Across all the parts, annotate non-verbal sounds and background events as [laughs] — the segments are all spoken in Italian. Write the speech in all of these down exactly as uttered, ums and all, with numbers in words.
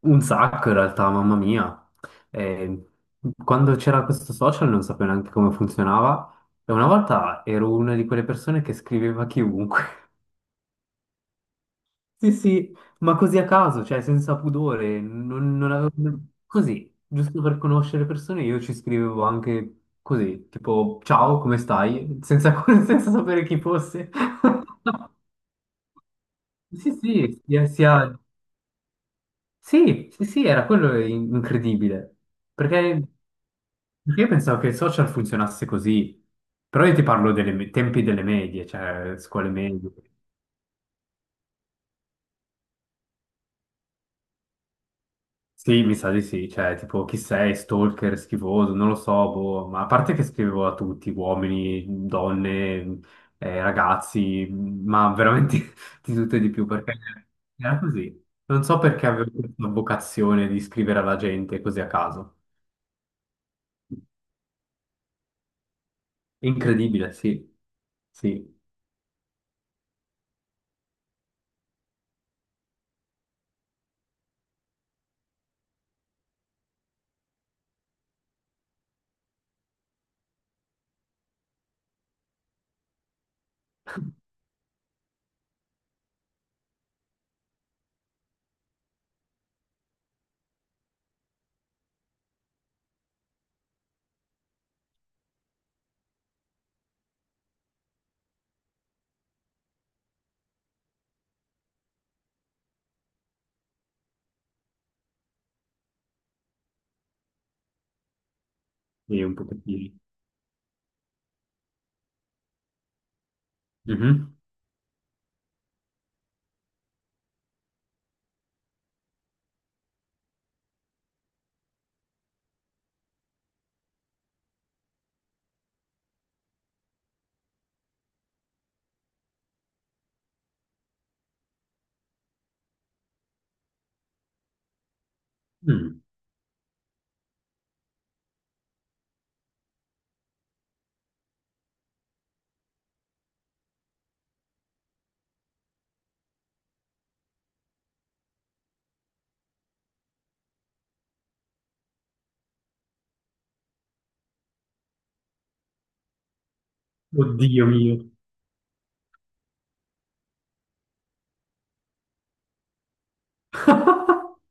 Un sacco in realtà, mamma mia. Eh, Quando c'era questo social non sapevo neanche come funzionava e una volta ero una di quelle persone che scriveva a chiunque. [laughs] Sì, sì, ma così a caso, cioè senza pudore, non, non avevo... Così, giusto per conoscere persone, io ci scrivevo anche così, tipo ciao, come stai? Senza, [laughs] senza sapere chi fosse. [laughs] Sì, sì, sia, sia- Sì, sì, sì, era quello in- incredibile. Perché Perché io pensavo che il social funzionasse così, però io ti parlo dei tempi delle medie, cioè scuole medie. Sì, mi sa di sì, cioè tipo chi sei, stalker, schifoso, non lo so, boh, ma a parte che scrivevo a tutti, uomini, donne, eh, ragazzi, ma veramente [laughs] di tutto e di più, perché era così. Non so perché avevo questa vocazione di scrivere alla gente così a caso. Incredibile, sì, sì, sì, un pochettino. Mhm. Mm. Oddio mio. [laughs]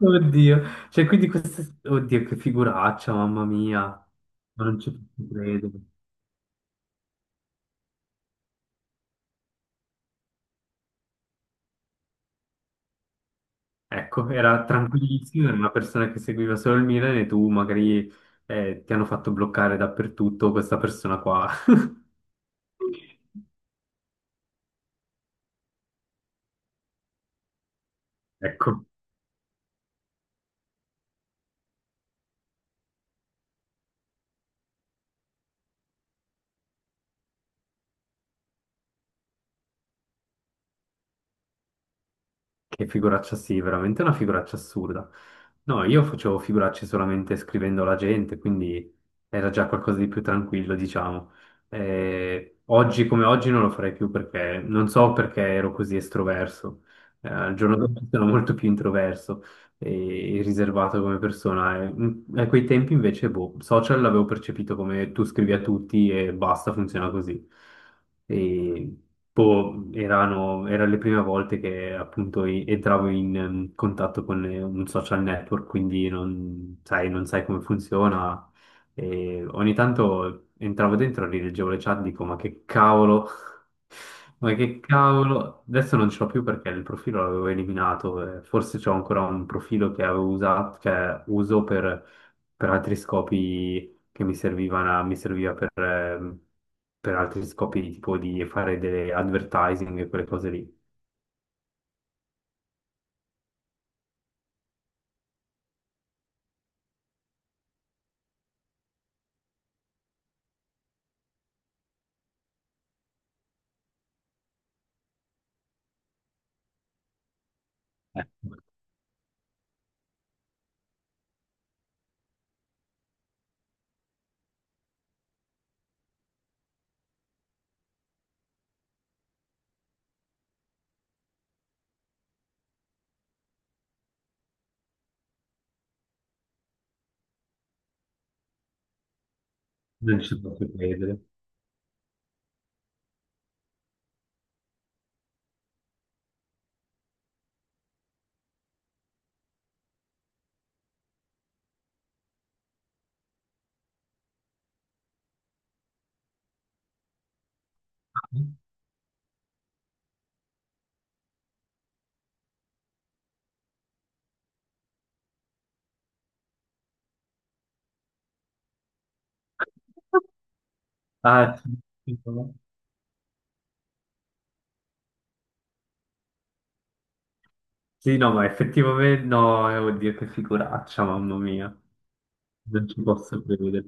Oddio, cioè quindi questa... Oddio, che figuraccia, mamma mia, ma non ci posso credere. Ecco, era tranquillissimo, era una persona che seguiva solo il Milan e tu magari eh, ti hanno fatto bloccare dappertutto questa persona qua. [laughs] Ecco. Che figuraccia sì, veramente una figuraccia assurda. No, io facevo figuracce solamente scrivendo alla gente, quindi era già qualcosa di più tranquillo, diciamo. Eh, oggi come oggi non lo farei più perché non so perché ero così estroverso. Eh, al giorno d'oggi sono molto più introverso e riservato come persona. E, mm, a quei tempi invece, boh, social l'avevo percepito come tu scrivi a tutti e basta, funziona così. E boh, erano, erano le prime volte che appunto i- entravo in ehm, contatto con eh, un social network, quindi non sai, non sai come funziona. E ogni tanto entravo dentro, rileggevo le chat, dico ma che cavolo, ma che cavolo, adesso non ce l'ho più perché il profilo l'avevo eliminato, eh, forse c'ho ancora un profilo che avevo usato, che uso per, per altri scopi che mi servivano, mi serviva per, ehm, per altri scopi tipo di fare delle advertising e quelle cose lì. Eh, Non ci posso credere. Ah, sì, no, ma effettivamente no, eh, oddio che figuraccia, mamma mia, non ci posso credere.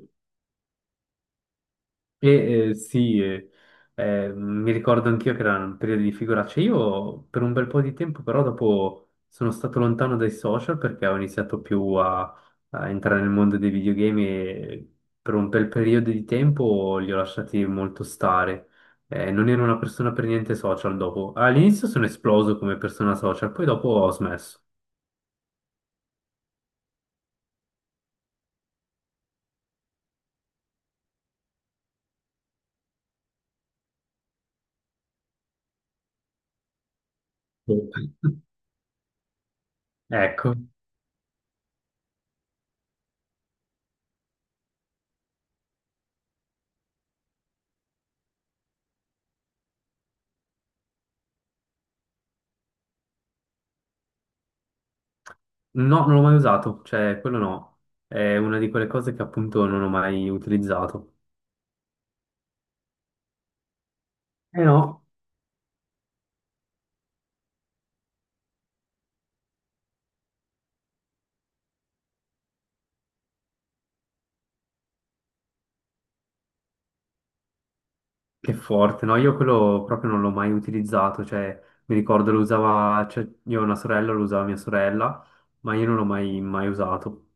E eh, sì, eh, eh, mi ricordo anch'io che era un periodo di figuracce. Io per un bel po' di tempo, però, dopo sono stato lontano dai social perché ho iniziato più a, a entrare nel mondo dei videogame e per un bel periodo di tempo li ho lasciati molto stare. Eh, non ero una persona per niente social dopo. All'inizio sono esploso come persona social, poi dopo ho smesso. [laughs] Ecco, no, non l'ho mai usato, cioè quello no, è una di quelle cose che appunto non ho mai utilizzato. Eh no, che forte, no? Io quello proprio non l'ho mai utilizzato, cioè mi ricordo lo usava, cioè, io ho una sorella, lo usava mia sorella, ma io non l'ho mai, mai usato.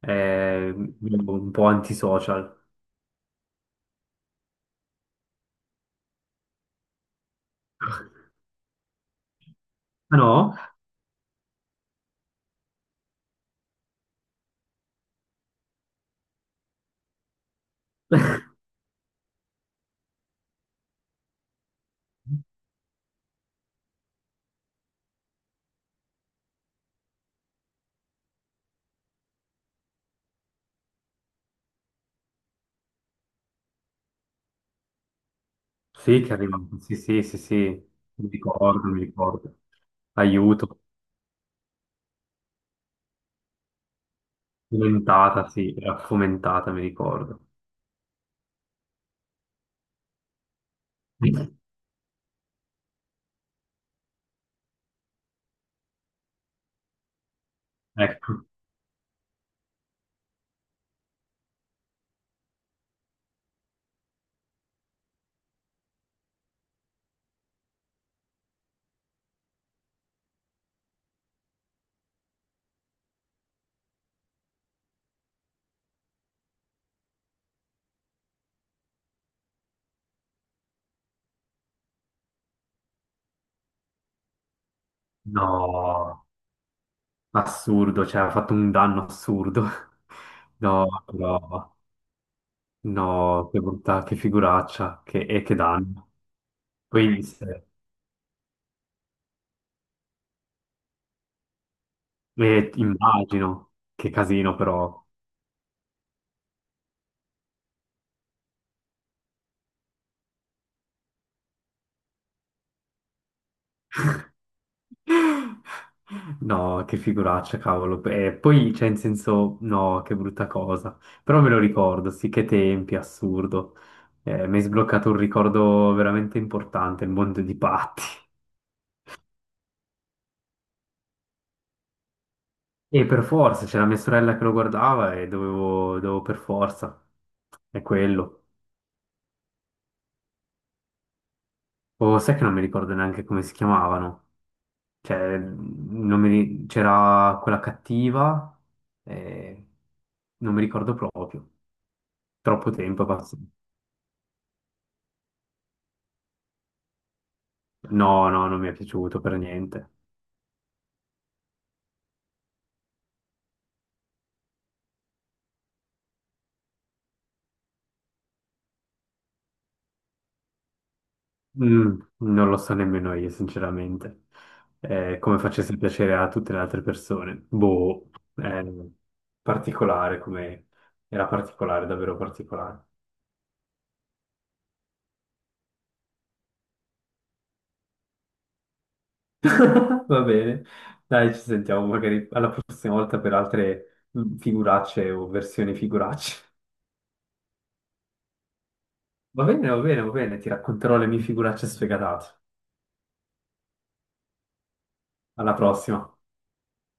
È un po' antisocial. Ah no? [laughs] Sì, che è arrivato, sì, sì, sì, sì, mi ricordo, mi ricordo. Aiuto, fomentata, sì, era fomentata, mi ricordo. [laughs] Ecco, no, assurdo, cioè ha fatto un danno assurdo. [laughs] No, no. No, che bontà, che figuraccia, che, e che danno. Poi se- eh, immagino, che casino però. No, che figuraccia, cavolo. E poi, cioè, in senso, no, che brutta cosa. Però me lo ricordo, sì, che tempi, assurdo. Eh, mi hai sbloccato un ricordo veramente importante, il mondo di Patti. E per forza, c'era mia sorella che lo guardava e dovevo, dovevo per forza. È quello. O sai che non mi ricordo neanche come si chiamavano. Cioè, non mi ri- c'era quella cattiva, eh, non mi ricordo proprio. Troppo tempo è passato. No, no, non mi è piaciuto per niente. Mm, non lo so nemmeno io, sinceramente. Eh, come facesse piacere a tutte le altre persone. Boh, eh, particolare come... Era particolare, davvero particolare. [laughs] Va bene, dai, ci sentiamo magari alla prossima volta per altre mm, figuracce o versioni figuracce. Va bene, va bene, va bene, ti racconterò le mie figuracce sfegatate. Alla prossima.